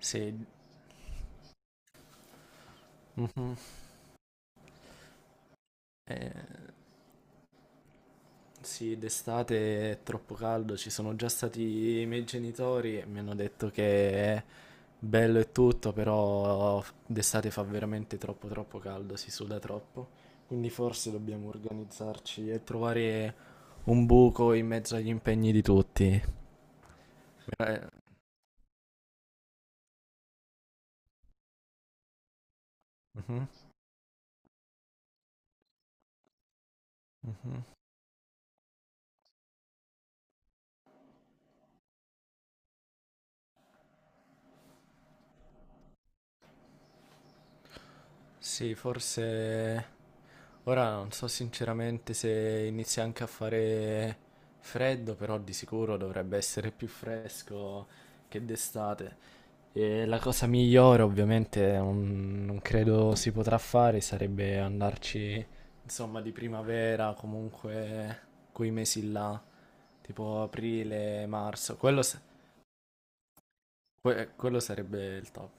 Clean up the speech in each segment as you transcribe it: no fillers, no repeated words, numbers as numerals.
Sì. Mhm. Eh, sì, d'estate è troppo caldo, ci sono già stati i miei genitori e mi hanno detto che è bello e tutto, però d'estate fa veramente troppo troppo caldo, si suda troppo. Quindi forse dobbiamo organizzarci e trovare un buco in mezzo agli impegni di tutti. Eh, mhm, mhm. Sì, forse ora non so sinceramente se inizia anche a fare freddo, però di sicuro dovrebbe essere più fresco che d'estate. E la cosa migliore, ovviamente, non credo si potrà fare, sarebbe andarci, insomma, di primavera, comunque quei mesi là, tipo aprile, marzo. Quello, quello sarebbe il top.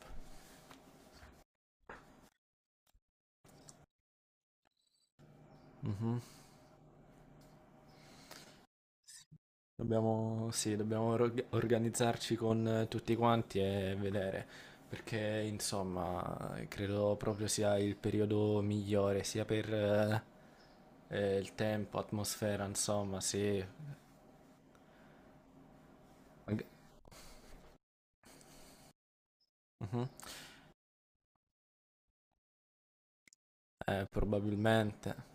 Mhm. Dobbiamo, sì, dobbiamo organizzarci con tutti quanti e vedere, perché insomma credo proprio sia il periodo migliore, sia per il tempo, atmosfera, insomma, sì. Mag- Mhm. Probabilmente.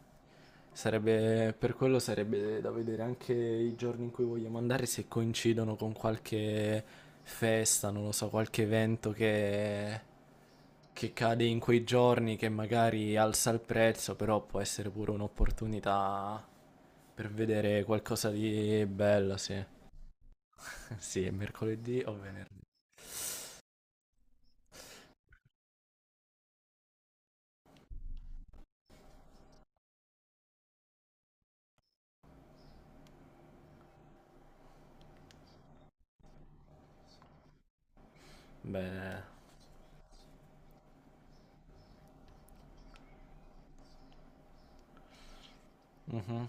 Sarebbe, per quello sarebbe da vedere anche i giorni in cui vogliamo andare se coincidono con qualche festa, non lo so, qualche evento che cade in quei giorni che magari alza il prezzo, però può essere pure un'opportunità per vedere qualcosa di bello, sì. Sì, è mercoledì o venerdì. Beh, mhm.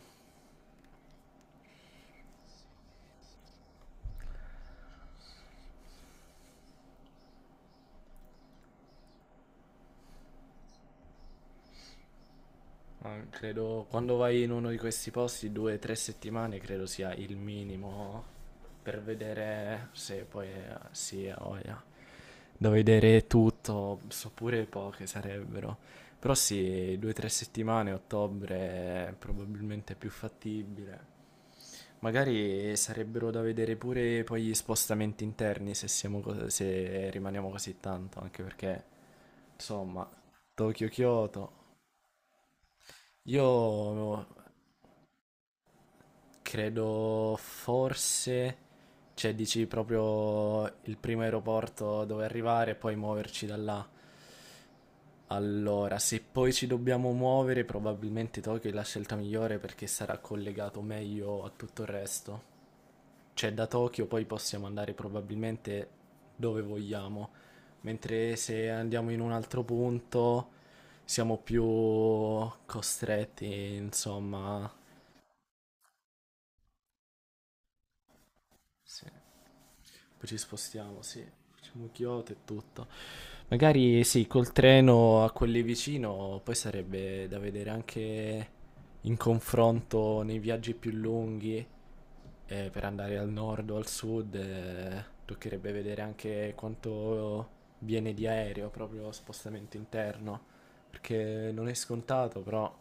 Ah, credo quando vai in uno di questi posti, 2 o 3 settimane credo sia il minimo per vedere se poi sì, ha voglia. Da vedere tutto, so pure poche sarebbero. Però sì, 2 o 3 settimane, ottobre è probabilmente più fattibile. Magari sarebbero da vedere pure poi gli spostamenti interni se siamo se rimaniamo così tanto, anche perché insomma, Tokyo-Kyoto. Io credo forse, cioè dici proprio il primo aeroporto dove arrivare e poi muoverci da là. Allora, se poi ci dobbiamo muovere, probabilmente Tokyo è la scelta migliore perché sarà collegato meglio a tutto il resto. Cioè da Tokyo poi possiamo andare probabilmente dove vogliamo, mentre se andiamo in un altro punto siamo più costretti, insomma. Sì. Poi ci spostiamo, sì. Facciamo Kyoto e tutto. Magari sì, col treno a quelli vicino, poi sarebbe da vedere anche in confronto nei viaggi più lunghi, per andare al nord o al sud, toccherebbe vedere anche quanto viene di aereo, proprio spostamento interno, perché non è scontato.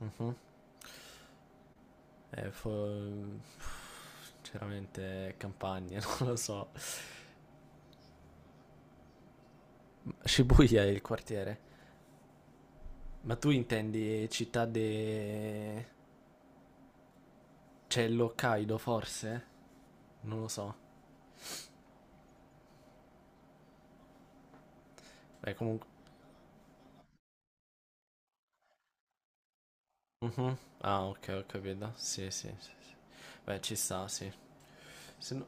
Mhm. Eh, fo- Sinceramente, campagne, non lo so. Shibuya è il quartiere. Ma tu intendi città de. C'è l'Hokkaido forse? Non lo so. Beh, comunque. Mhm. Ah, ok, ho capito. Sì, sì, sì, sì. Beh, ci sta, sì. Se no.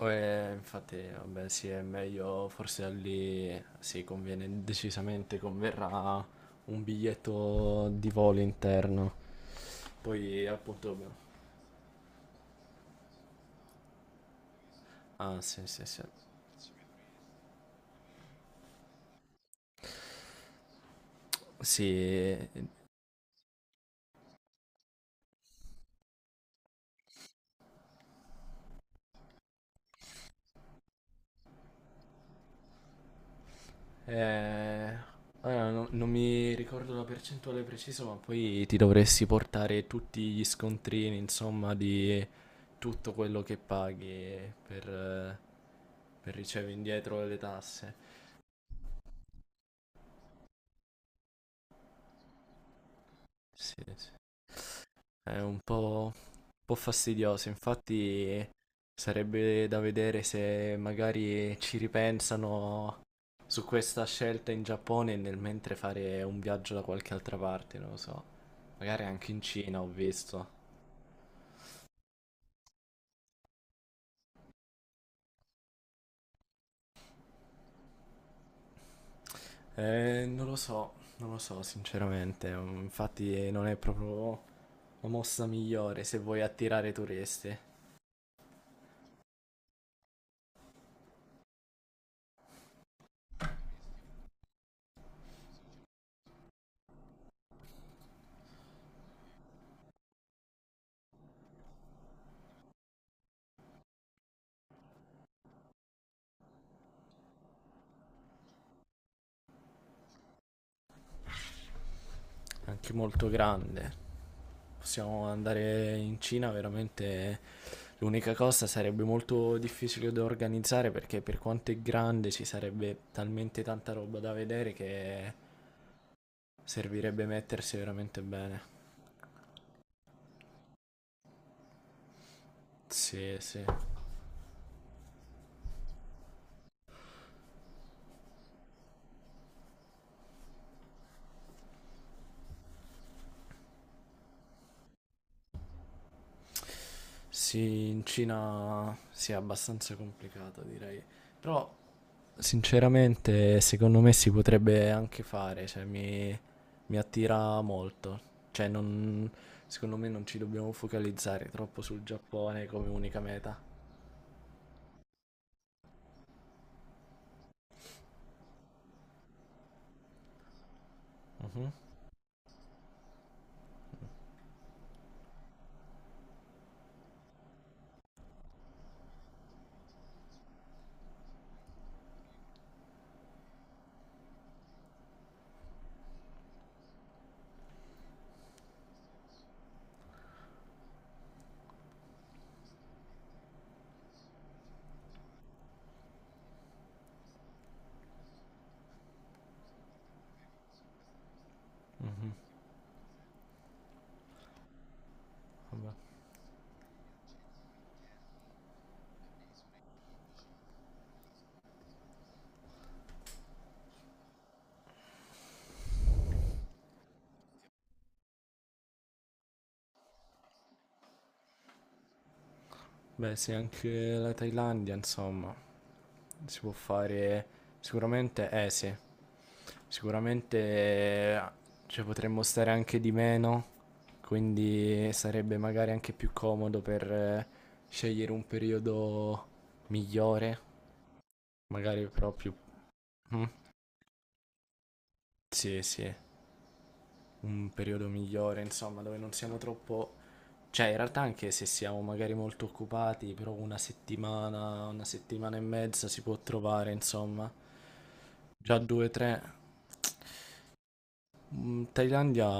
Infatti, vabbè, sì, è meglio forse lì. Sì, conviene decisamente, converrà un biglietto di volo interno. Poi, appunto. Ah, sì, sì, sì. Sì, Eh, allora, non mi ricordo la percentuale precisa, ma poi ti dovresti portare tutti gli scontrini, insomma, di tutto quello che paghi per, eh, per ricevere indietro le tasse. Sì, sì. È un po' fastidioso, infatti sarebbe da vedere se magari ci ripensano su questa scelta in Giappone e nel mentre fare un viaggio da qualche altra parte, non lo so. Magari anche in Cina ho visto. Non lo so, non lo so sinceramente, infatti non è proprio la mossa migliore se vuoi attirare turisti. Anche molto grande. Possiamo andare in Cina, veramente l'unica cosa sarebbe molto difficile da organizzare perché per quanto è grande ci sarebbe talmente tanta roba da vedere che servirebbe mettersi veramente bene. Sì, sì. Sì, in Cina sì, è abbastanza complicato, direi. Però sinceramente, secondo me si potrebbe anche fare, cioè mi attira molto. Cioè, secondo me non ci dobbiamo focalizzare troppo sul Giappone come unica meta. Mhm, vabbè. Beh, sì, anche la Thailandia, insomma, si può fare sicuramente, eh sì, sicuramente eh, cioè, potremmo stare anche di meno, quindi sarebbe magari anche più comodo per scegliere un periodo migliore, magari proprio. Mm, sì, sì, un periodo migliore, insomma, dove non siamo troppo. Cioè, in realtà anche se siamo magari molto occupati, però una settimana e mezza si può trovare, insomma. Già due, tre. Mm, Thailandia,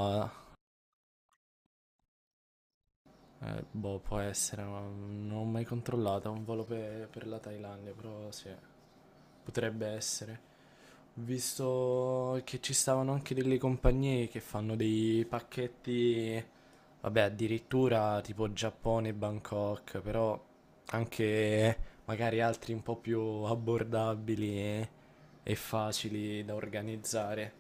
boh, può essere, ma non ho mai controllato un volo per la Thailandia, però sì. Potrebbe essere. Ho visto che ci stavano anche delle compagnie che fanno dei pacchetti, vabbè, addirittura tipo Giappone e Bangkok, però anche magari altri un po' più abbordabili e facili da organizzare.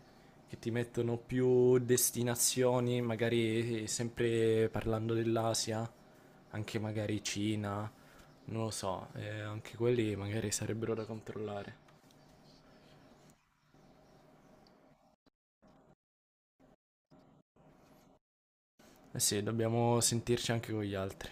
Che ti mettono più destinazioni, magari sempre parlando dell'Asia, anche magari Cina non lo so, anche quelli magari sarebbero da controllare. Eh sì, dobbiamo sentirci anche con gli altri.